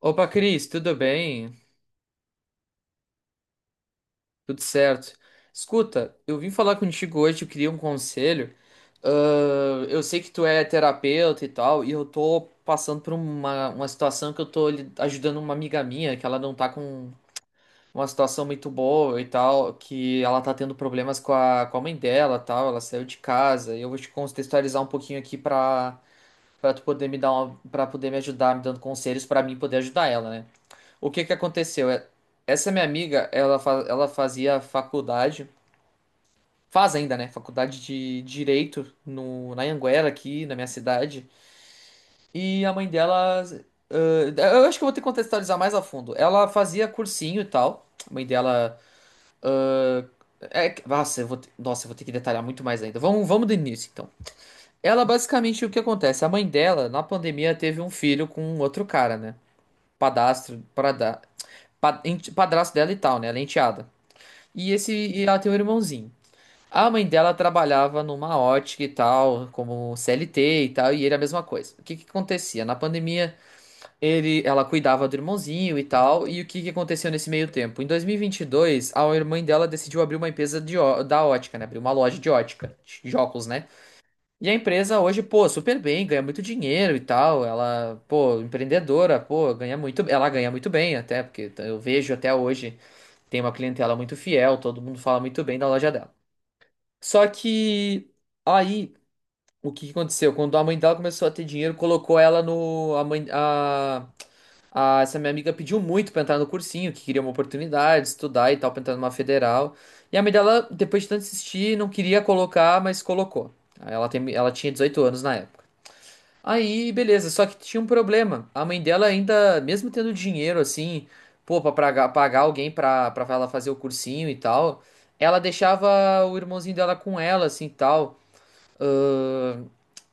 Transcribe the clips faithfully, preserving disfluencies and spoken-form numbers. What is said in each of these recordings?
Opa, Cris, tudo bem? Tudo certo. Escuta, eu vim falar contigo hoje, eu queria um conselho. Ah, eu sei que tu é terapeuta e tal, e eu tô passando por uma, uma situação que eu tô li- ajudando uma amiga minha, que ela não tá com uma situação muito boa e tal, que ela tá tendo problemas com a, com a mãe dela, e tal, ela saiu de casa. E eu vou te contextualizar um pouquinho aqui pra, pra tu poder me dar uma, pra poder me ajudar, me dando conselhos pra mim poder ajudar ela, né? O que que aconteceu? É- Essa minha amiga, ela, fa- ela fazia faculdade, faz ainda, né? Faculdade de Direito no, na Anhanguera, aqui na minha cidade. E a mãe dela. Ãh, eu acho que eu vou ter que contextualizar mais a fundo. Ela fazia cursinho e tal. A mãe dela. ãh, é que- Nossa, eu vou ter, nossa, eu vou ter que detalhar muito mais ainda. Vamos, vamos do início, então. Ela, basicamente, o que acontece? A mãe dela, na pandemia, teve um filho com outro cara, né? Padastro, parada, pa- ente- padrasto dela e tal, né? Ela é enteada. E esse e ela tem um irmãozinho. A mãe dela trabalhava numa ótica e tal, como C L T e tal, e ele a mesma coisa. O que que acontecia? Na pandemia, ele, ela cuidava do irmãozinho e tal, e o que que aconteceu nesse meio tempo? Em dois mil e vinte e dois, a irmã dela decidiu abrir uma empresa de, ó- da ótica, né? Abrir uma loja de ótica, de óculos, né? E a empresa hoje, pô, super bem, ganha muito dinheiro e tal. Ela, pô, empreendedora, pô, ganha muito, ela ganha muito bem até, porque eu vejo até hoje tem uma clientela muito fiel, todo mundo fala muito bem da loja dela. Só que aí o que que aconteceu? Quando a mãe dela começou a ter dinheiro, colocou ela no a mãe a, a- essa minha amiga pediu muito pra entrar no cursinho, que queria uma oportunidade, estudar e tal, pra entrar numa federal. E a mãe dela, depois de tanto insistir, não queria colocar, mas colocou. Aí Ela tem, ela tinha dezoito anos na época. Aí, beleza, só que tinha um problema. A mãe dela ainda, mesmo tendo dinheiro assim, pô, pra praga- pagar alguém pra, pra ela fazer o cursinho e tal, ela deixava o irmãozinho dela com ela, assim, e tal. Ahn,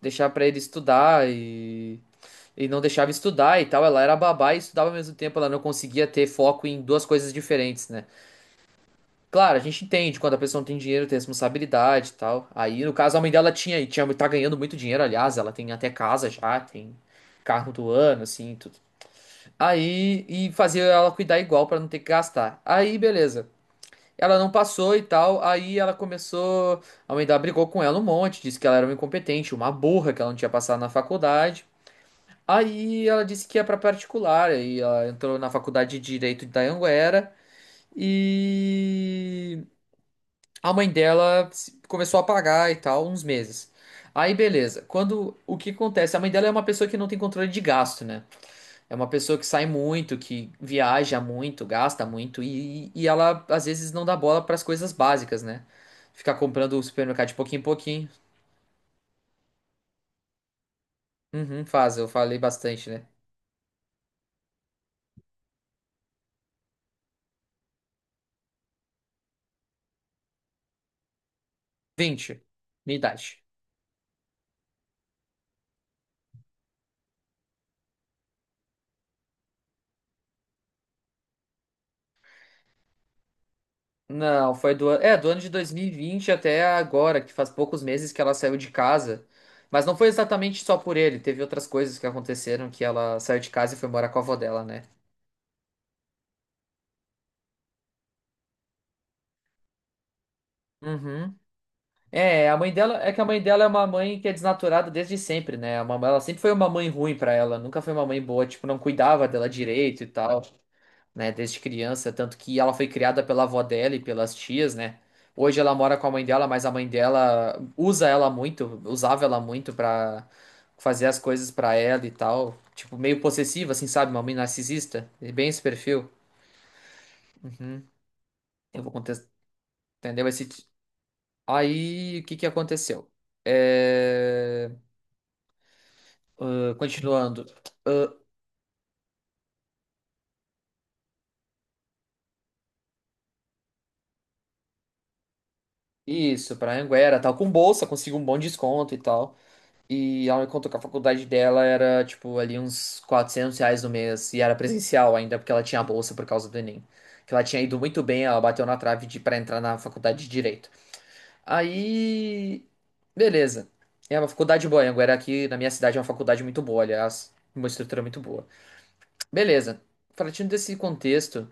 Deixava pra ele estudar e, e não deixava estudar e tal. Ela era babá e estudava ao mesmo tempo, ela não conseguia ter foco em duas coisas diferentes, né? Claro, a gente entende quando a pessoa não tem dinheiro, tem responsabilidade e tal. Aí, no caso, a mãe dela tinha e tinha, tá ganhando muito dinheiro, aliás, ela tem até casa já, tem carro do ano, assim, tudo. Aí, e fazia ela cuidar igual pra não ter que gastar. Aí, beleza. Ela não passou e tal, aí ela começou, a mãe dela brigou com ela um monte, disse que ela era uma incompetente, uma burra, que ela não tinha passado na faculdade. Aí ela disse que ia pra particular, aí ela entrou na faculdade de Direito da Anguera e a mãe dela se- começou a pagar e tal, uns meses. Aí, beleza. Quando o que acontece? A mãe dela é uma pessoa que não tem controle de gasto, né? É uma pessoa que sai muito, que viaja muito, gasta muito e, e ela às vezes não dá bola para as coisas básicas, né? Ficar comprando o supermercado de pouquinho em pouquinho. Uhum, faz, eu falei bastante, né? Vinte, minha idade. Não, foi do, an- é, do ano de dois mil e vinte até agora, que faz poucos meses que ela saiu de casa. Mas não foi exatamente só por ele, teve outras coisas que aconteceram que ela saiu de casa e foi morar com a avó dela, né? Uhum. É, a mãe dela é que a mãe dela é uma mãe que é desnaturada desde sempre, né? A mamãe, ela sempre foi uma mãe ruim pra ela, nunca foi uma mãe boa, tipo, não cuidava dela direito e tal, né? Desde criança, tanto que ela foi criada pela avó dela e pelas tias, né? Hoje ela mora com a mãe dela, mas a mãe dela usa ela muito, usava ela muito pra fazer as coisas pra ela e tal, tipo, meio possessiva, assim, sabe? Uma mãe narcisista, é bem esse perfil. Uhum. Eu vou contestar, entendeu? Esse... Aí, o que que aconteceu? É... Ah, continuando. Ah, isso, pra Anguera, tal, com bolsa, consigo um bom desconto e tal. E ela me contou que a faculdade dela era, tipo, ali uns quatrocentos reais no mês. E era presencial ainda, porque ela tinha a bolsa por causa do Enem. Que ela tinha ido muito bem, ela bateu na trave de, pra entrar na faculdade de Direito. Aí. Beleza. É uma faculdade boa. Anguera aqui na minha cidade é uma faculdade muito boa, aliás. Uma estrutura muito boa. Beleza. Partindo desse contexto,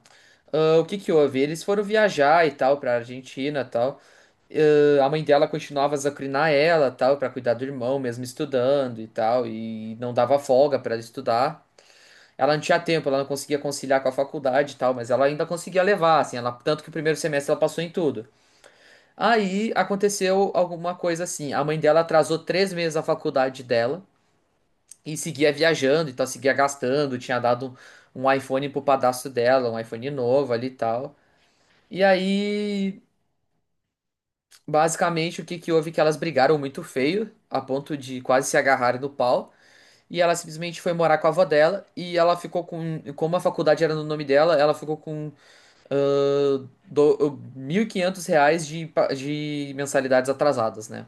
ah, o que que houve? Eles foram viajar e tal pra Argentina e tal. Eh, a mãe dela continuava a azucrinar ela, tal, para cuidar do irmão, mesmo estudando e tal, e não dava folga para ela estudar. Ela não tinha tempo, ela não conseguia conciliar com a faculdade e tal, mas ela ainda conseguia levar, assim, ela, tanto que o primeiro semestre ela passou em tudo. Aí aconteceu alguma coisa assim, a mãe dela atrasou três meses a faculdade dela e seguia viajando, então seguia gastando, tinha dado um um iPhone pro padrasto dela, um iPhone novo ali e tal. E aí basicamente, o que que houve é que elas brigaram muito feio, a ponto de quase se agarrarem no pau, e ela simplesmente foi morar com a avó dela, e ela ficou com, como a faculdade era no nome dela, ela ficou com ah, do- mil e quinhentos reais de, pa- de mensalidades atrasadas, né?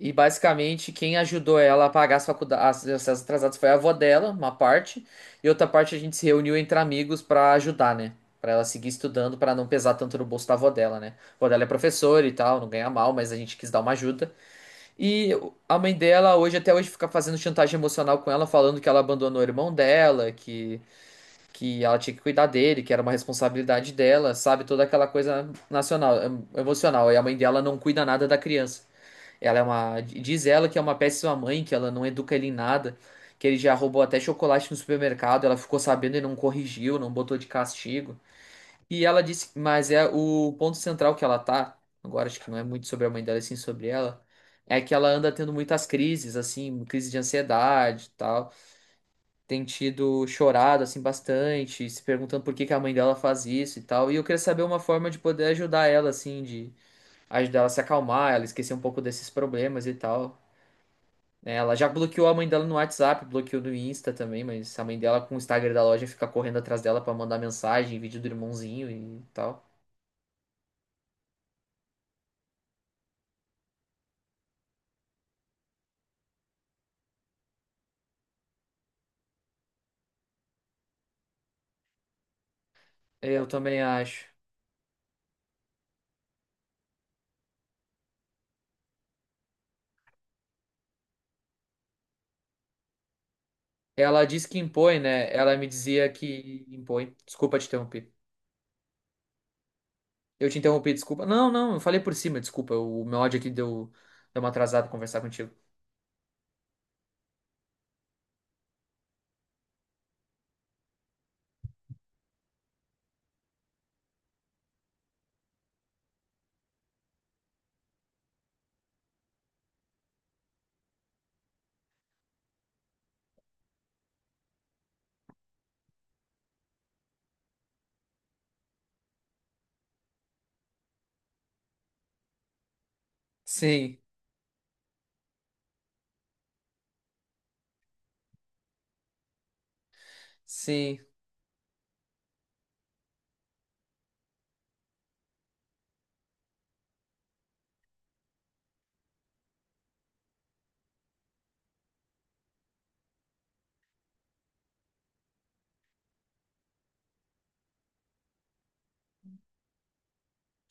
E basicamente quem ajudou ela a pagar as faculdades, as as atrasadas foi a avó dela, uma parte, e outra parte a gente se reuniu entre amigos pra ajudar, né? Pra ela seguir estudando, pra não pesar tanto no bolso da avó dela, né? A avó dela é professora e tal, não ganha mal, mas a gente quis dar uma ajuda. E a mãe dela hoje até hoje fica fazendo chantagem emocional com ela, falando que ela abandonou o irmão dela, que que ela tinha que cuidar dele, que era uma responsabilidade dela, sabe? Toda aquela coisa nacional, em- emocional. E a mãe dela não cuida nada da criança. Ela é uma. Diz ela que é uma péssima mãe, que ela não educa ele em nada, que ele já roubou até chocolate no supermercado, ela ficou sabendo e não corrigiu, não botou de castigo. E ela disse, mas é o ponto central que ela tá, agora acho que não é muito sobre a mãe dela, e sim sobre ela, é que ela anda tendo muitas crises, assim, crise de ansiedade e tal. Tem tido chorado, assim, bastante, se perguntando por que que a mãe dela faz isso e tal. E eu queria saber uma forma de poder ajudar ela, assim, de ajudar ela a se acalmar, ela esquecer um pouco desses problemas e tal. É, ela já bloqueou a mãe dela no WhatsApp, bloqueou no Insta também, mas a mãe dela com o Instagram da loja fica correndo atrás dela pra mandar mensagem, vídeo do irmãozinho e tal. Eu também acho. Ela diz que impõe, né? Ela me dizia que impõe. Desculpa te interromper. Eu te interrompi, desculpa. Não, não, eu falei por cima, desculpa. O meu ódio aqui deu, deu uma atrasada conversar contigo. Sim, sim,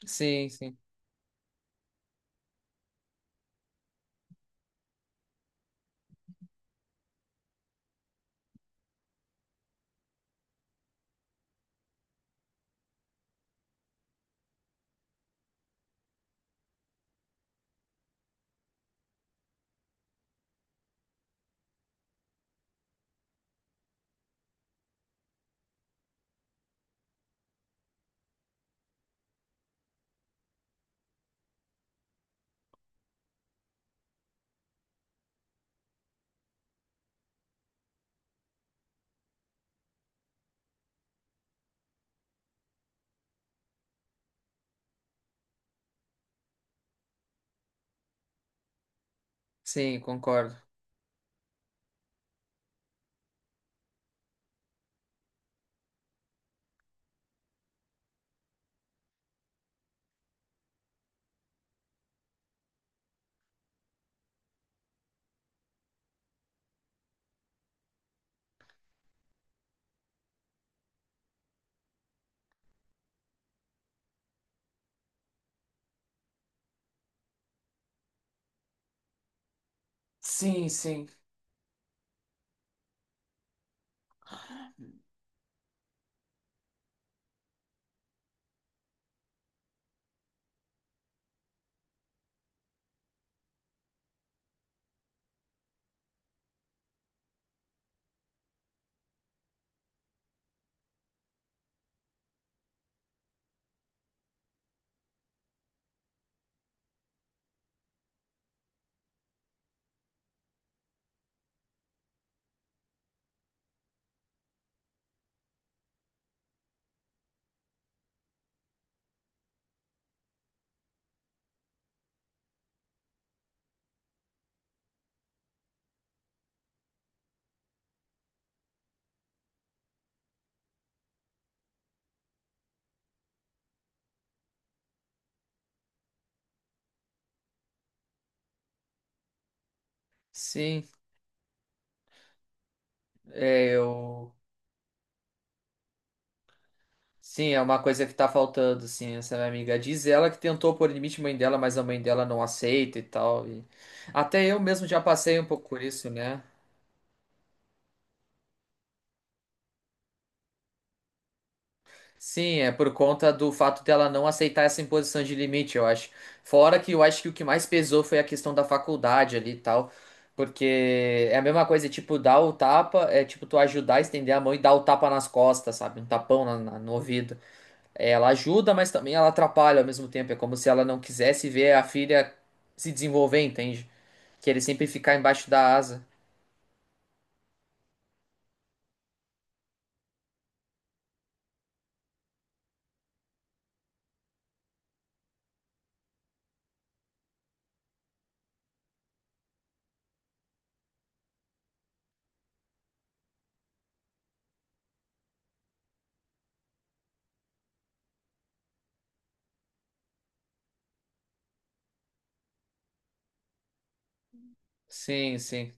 sim, sim, sim, concordo. Sim, sim, sim. É, eu. Sim, é uma coisa que tá faltando, assim, essa minha amiga. Diz ela que tentou pôr limite à mãe dela, mas a mãe dela não aceita e tal. e- Até eu mesmo já passei um pouco por isso, né? Sim, é por conta do fato dela não aceitar essa imposição de limite, eu acho. Fora que eu acho que o que mais pesou foi a questão da faculdade ali e tal. Porque é a mesma coisa, tipo, dar o tapa, é tipo tu ajudar a estender a mão e dar o tapa nas costas, sabe? Um tapão na- na- no ouvido. Ela ajuda, mas também ela atrapalha ao mesmo tempo. É como se ela não quisesse ver a filha se desenvolver, entende? Querer sempre ficar embaixo da asa. Sim, sim.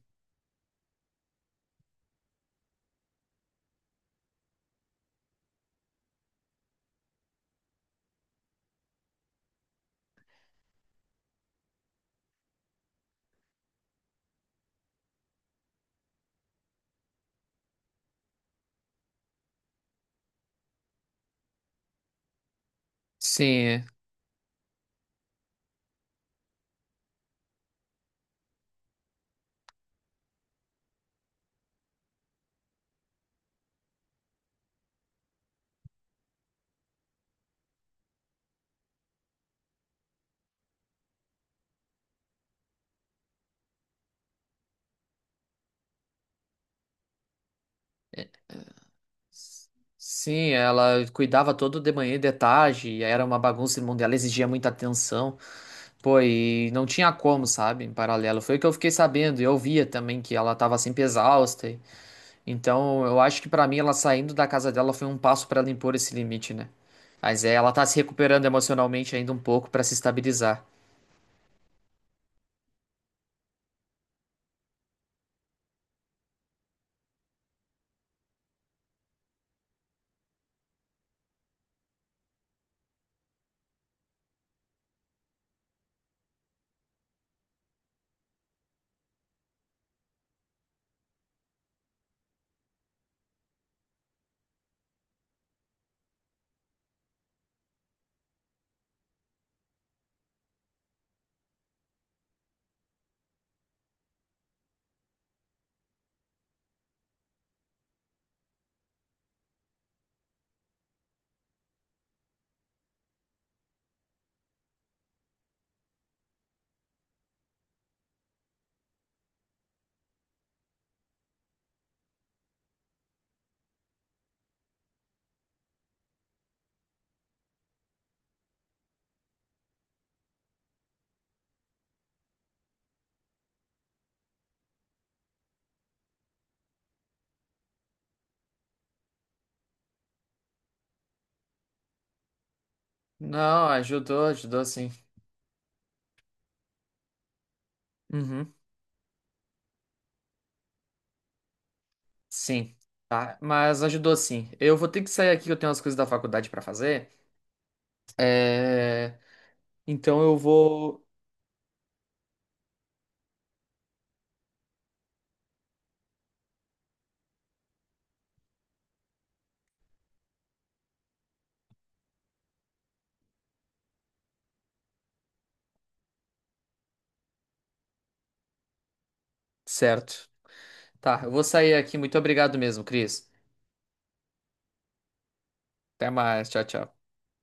Sim. É. É, sim, ela cuidava todo de manhã e de tarde, e era uma bagunça no mundo, ela exigia muita atenção. Pô, e não tinha como, sabe? Em paralelo. Foi o que eu fiquei sabendo. E eu via também que ela tava sempre exausta. Então, eu acho que pra mim ela saindo da casa dela foi um passo pra ela impor esse limite, né? Mas é, ela tá se recuperando emocionalmente ainda um pouco pra se estabilizar. Não, ajudou, ajudou sim. Uhum, sim. Tá, mas ajudou sim. Eu vou ter que sair aqui, eu tenho umas coisas da faculdade pra fazer. É... Então eu vou. Certo. Tá, eu vou sair aqui. Muito obrigado mesmo, Cris. Até mais. Tchau, tchau.